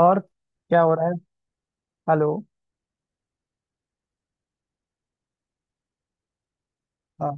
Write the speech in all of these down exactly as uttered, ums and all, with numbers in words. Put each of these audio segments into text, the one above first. और क्या हो रहा है। हेलो। हाँ।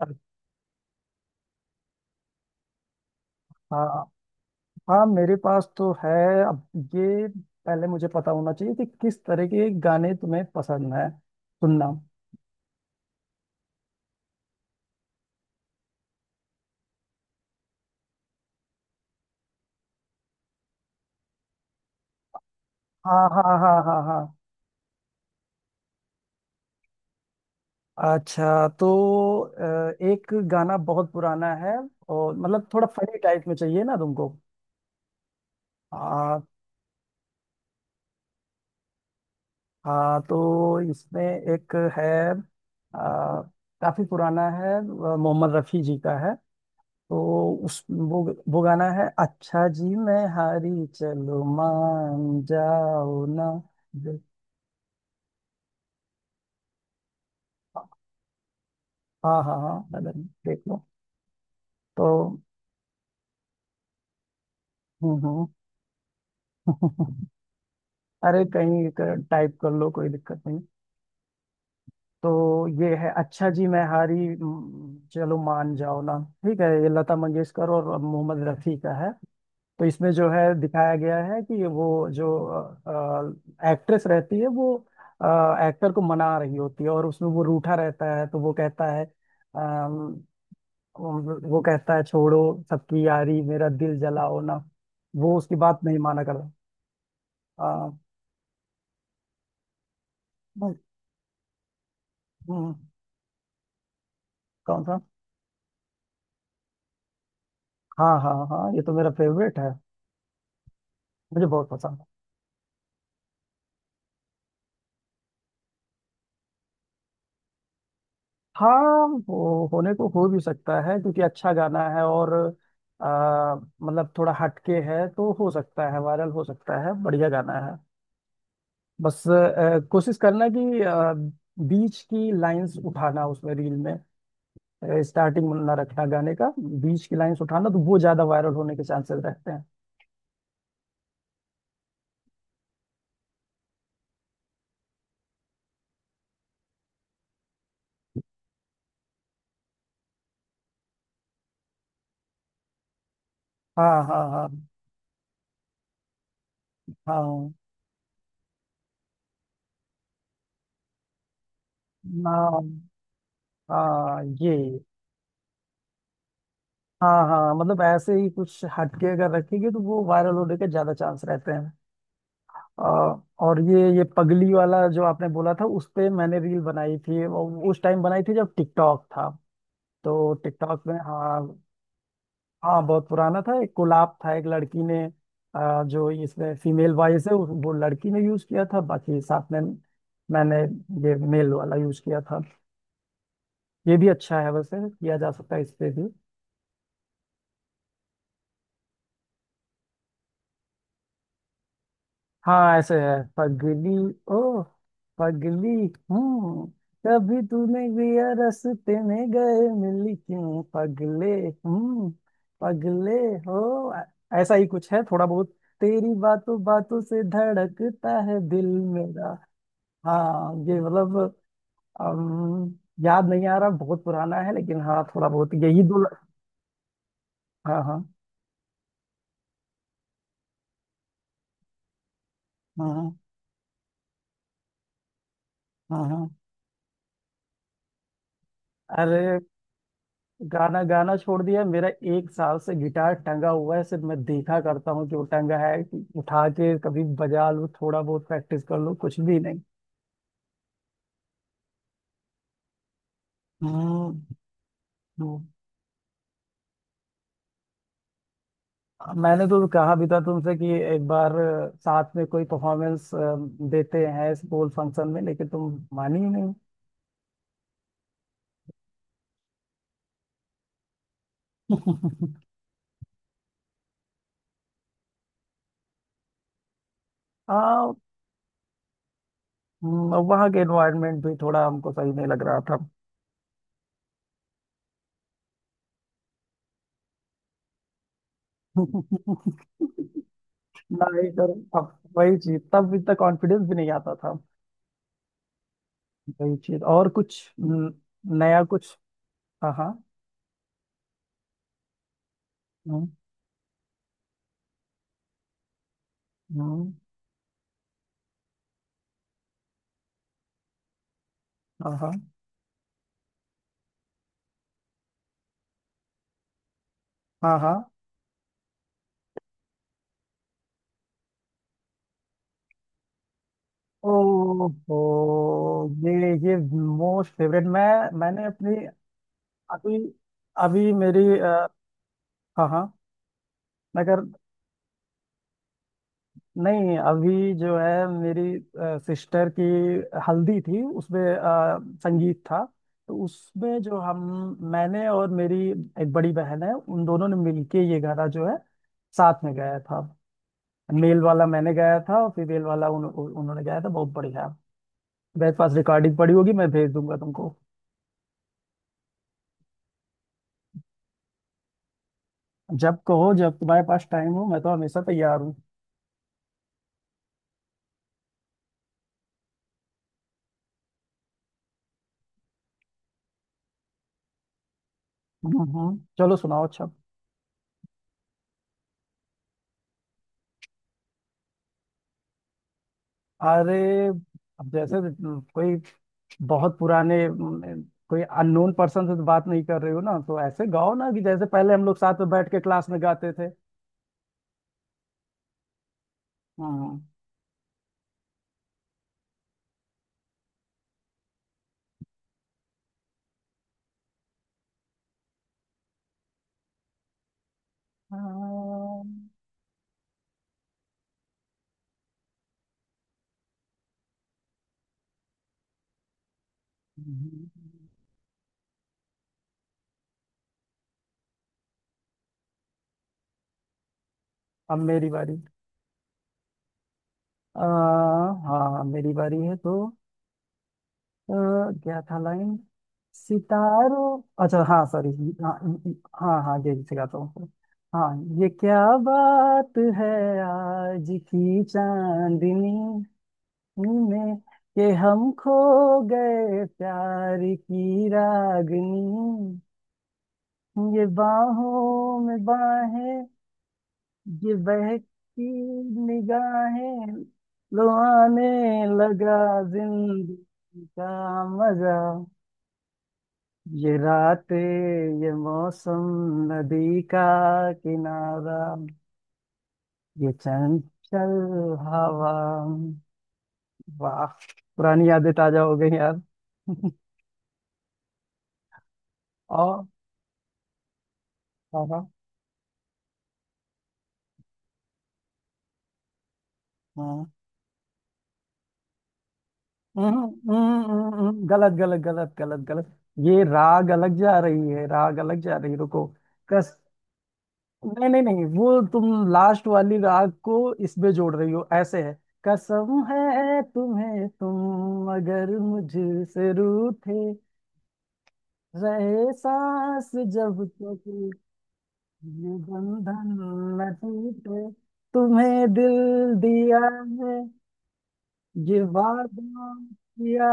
अ- हाँ। हाँ, मेरे पास तो है। अब ये, पहले मुझे पता होना चाहिए कि किस तरह के गाने तुम्हें पसंद है। सुनना। हाँ हाँ हाँ हाँ हाँ हाँ। अच्छा, तो अ, एक गाना बहुत पुराना है। और मतलब थोड़ा फनी टाइप में चाहिए ना तुमको। हाँ। हाँ तो इसमें एक है, अ, काफी पुराना है, अ, मोहम्मद रफी जी का है। तो उस वो वो गाना है, अच्छा जी मैं हारी, चलो मान जाओ ना। हाँ हाँ हाँ, अगर देख लो तो। हम्म हम्म। अरे कहीं, टाइप कर लो कोई दिक्कत नहीं। तो ये है, अच्छा जी मैं हारी, हम्म, चलो मान जाओ ना। ठीक है, ये लता मंगेशकर और मोहम्मद रफ़ी का है। तो इसमें जो है दिखाया गया है कि वो, जो एक्ट्रेस रहती है वो एक्टर को मना रही होती है, और उसमें वो रूठा रहता है, तो वो कहता है अम, वो कहता है, छोड़ो सबकी यारी मेरा दिल जलाओ ना। वो उसकी बात नहीं माना करता। अ, हम्म, कौन सा? हाँ हाँ हाँ, ये तो मेरा फेवरेट है, मुझे बहुत पसंद है। हाँ, वो होने को हो भी सकता है क्योंकि अच्छा गाना है, और आ, मतलब थोड़ा हटके है, तो हो सकता है वायरल हो सकता है, बढ़िया गाना है। बस आ, कोशिश करना कि आ, बीच की लाइंस उठाना उसमें रील में। स्टार्टिंग ना रखना गाने का, बीच की लाइंस उठाना, तो वो ज्यादा वायरल होने के चांसेस रहते हैं। हाँ हाँ हाँ हाँ। ना। हाँ। ये। हाँ हाँ, मतलब ऐसे ही कुछ हटके अगर रखेंगे तो वो वायरल होने के ज्यादा चांस रहते हैं। अ, और ये ये पगली वाला जो आपने बोला था उस पे मैंने रील बनाई थी। वो उस टाइम बनाई थी जब टिकटॉक था। तो टिकटॉक में। हाँ। हाँ बहुत पुराना था, एक कोलैब था। एक लड़की ने अ, जो इसमें फीमेल वॉइस है उस- वो लड़की ने यूज किया था, बाकी साथ में मैंने ये मेल वाला यूज किया था। ये भी अच्छा है, वैसे किया जा सकता है इस पे भी। हाँ, ऐसे है, पगली, ओ पगली, हूँ, कभी तूने भी रास्ते में गए मिली क्यों पगले, हूँ, पगले, हो ऐ- ऐसा ही कुछ है थोड़ा बहुत। तेरी बातों बातों से धड़कता है दिल मेरा। हाँ, ये मतलब, अम, याद नहीं आ रहा, बहुत पुराना है लेकिन हाँ थोड़ा बहुत यही दो। हाँ हाँ हाँ हाँ हाँ। अरे, गाना गाना छोड़ दिया मेरा। एक साल से गिटार टंगा हुआ है, सिर्फ मैं देखा करता हूँ कि वो टंगा है, कि उठा के कभी बजा लूँ थोड़ा बहुत प्रैक्टिस कर लूँ, कुछ भी नहीं। हम्म हम्म, मैंने तो कहा भी था तुमसे कि एक बार अ, साथ में कोई परफॉर्मेंस देते हैं स्कूल फंक्शन में, लेकिन तुम मानी ही नहीं। हाँ। हम्म, वहाँ के एनवायरनमेंट भी थोड़ा हमको सही नहीं लग रहा था। ना ही करो। अब वही चीज, तब इतना कॉन्फिडेंस भी नहीं आता। वही चीज और कुछ न- नया कुछ। हाँ हाँ। हम्म, हम्म, हाँ हाँ हाँ हाँ। ओ हो, ये ये मोस्ट फेवरेट, मैं मैंने अपनी अभी, अभी मेरी अ, हाँ हाँ मैं कर, नहीं अभी जो है मेरी सिस्टर की हल्दी थी, उसमें अ, संगीत था। तो उसमें जो हम, मैंने और मेरी एक बड़ी बहन है, उन दोनों ने मिलके ये गाना जो है साथ में गाया था। मेल वाला मैंने गाया था और फीमेल वाला उन, उन- उन्होंने गाया था, बहुत बढ़िया। मेरे पास रिकॉर्डिंग पड़ी होगी, मैं भेज दूंगा तुमको। जब कहो, जब तुम्हारे पास टाइम हो, मैं तो हमेशा तैयार हूँ। हम्म, चलो सुनाओ अच्छा। अरे, अब जैसे कोई बहुत पुराने, अम, कोई अननोन पर्सन से तो बात नहीं कर रही हो ना, तो ऐसे गाओ ना कि जैसे पहले हम लोग साथ में बैठ के क्लास में गाते थे। हम्म। हाँ, अब मेरी बारी। आ, हाँ मेरी बारी है तो अ, क्या था लाइन, सितारों, अच्छा हाँ, सॉरी। हाँ हाँ हाँ, ये सिखाता हूँ। हाँ, ये क्या बात है, आज की चांदनी में कि हम खो गए प्यार की रागनी, ये बाहों में बाहें, ये बहकी निगाहें, लो आने लगा जिंदगी का मजा। ये रातें, ये मौसम, नदी का किनारा, ये चंचल हवा। वाह, पुरानी यादें ताजा हो गई यार। और हवा। हाँ हाँ। हम्म, हम्म, हम्म, हम्म, हम्म। गलत गलत गलत गलत गलत, ये राग अलग जा रही है, राग अलग जा रही है, रुको। कस नहीं नहीं नहीं, वो तुम लास्ट वाली राग को इसमें जोड़ रही हो। ऐसे है, कसम है तुम्हें, तुम मगर मुझसे रूठे रहे, सांस जब तक ये बंधन न टूटे, तुम्हें दिल दिया है, ये वादा किया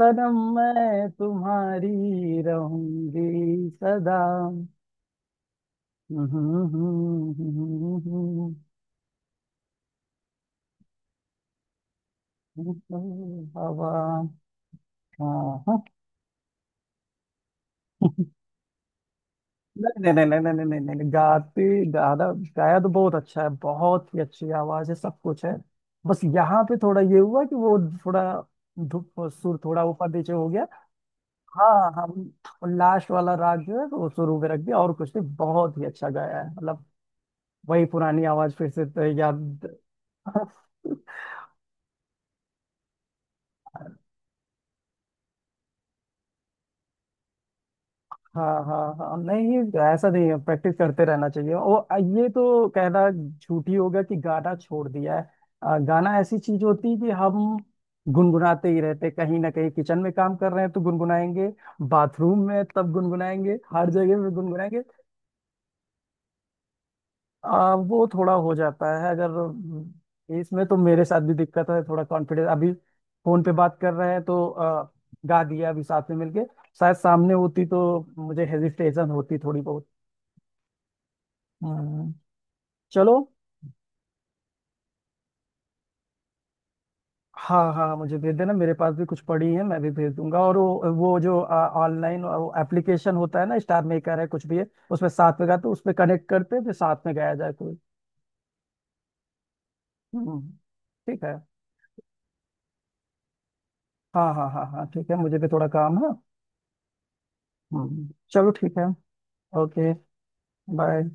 सनम, मैं तुम्हारी रहूंगी सदा। हवा। हाँ हाँ। नहीं नहीं नहीं नहीं नहीं नहीं नहीं नहीं, गाती दादा, गाया तो बहुत अच्छा है, बहुत ही अच्छी आवाज है, सब कुछ है। बस यहाँ पे थोड़ा ये हुआ कि वो थोड़ा धुप सुर थोड़ा ऊपर नीचे हो गया। हाँ, हम लास्ट वाला राग जो है वो शुरू में रख दिया, और कुछ नहीं, बहुत ही अच्छा गाया है, मतलब वही पुरानी आवाज फिर से तो याद। हाँ हाँ हाँ, नहीं ऐसा नहीं है, प्रैक्टिस करते रहना चाहिए वो। ये तो कहना झूठी होगा कि गाना छोड़ दिया है। अ, गाना ऐसी चीज होती है कि हम गुनगुनाते ही रहते, कहीं ना कहीं किचन में काम कर रहे हैं तो गुनगुनाएंगे, बाथरूम में तब गुनगुनाएंगे, हर जगह में गुनगुनाएंगे। अ, वो थोड़ा हो जाता है अगर, अम, इसमें तो मेरे साथ भी दिक्कत है, थोड़ा कॉन्फिडेंस अभी। फोन पे बात कर रहे हैं तो अ, गा दिया अभी साथ में मिलके, शायद सामने होती तो मुझे हेजिटेशन होती थोड़ी बहुत। हम्म, चलो। हाँ हाँ, मुझे भेज देना, मेरे पास भी कुछ पड़ी है, मैं भी भेज दूंगा। और वो वो जो ऑनलाइन एप्लीकेशन होता है ना, स्टार मेकर है कुछ भी है, उसमें साथ में गाते, उसमें कनेक्ट करते हैं, फिर साथ में गाया जाए कोई। हम्म। ठीक है। हाँ हाँ हाँ हाँ, ठीक है, मुझे भी थोड़ा काम है। हम्म, चलो ठीक है। ओके। बाय।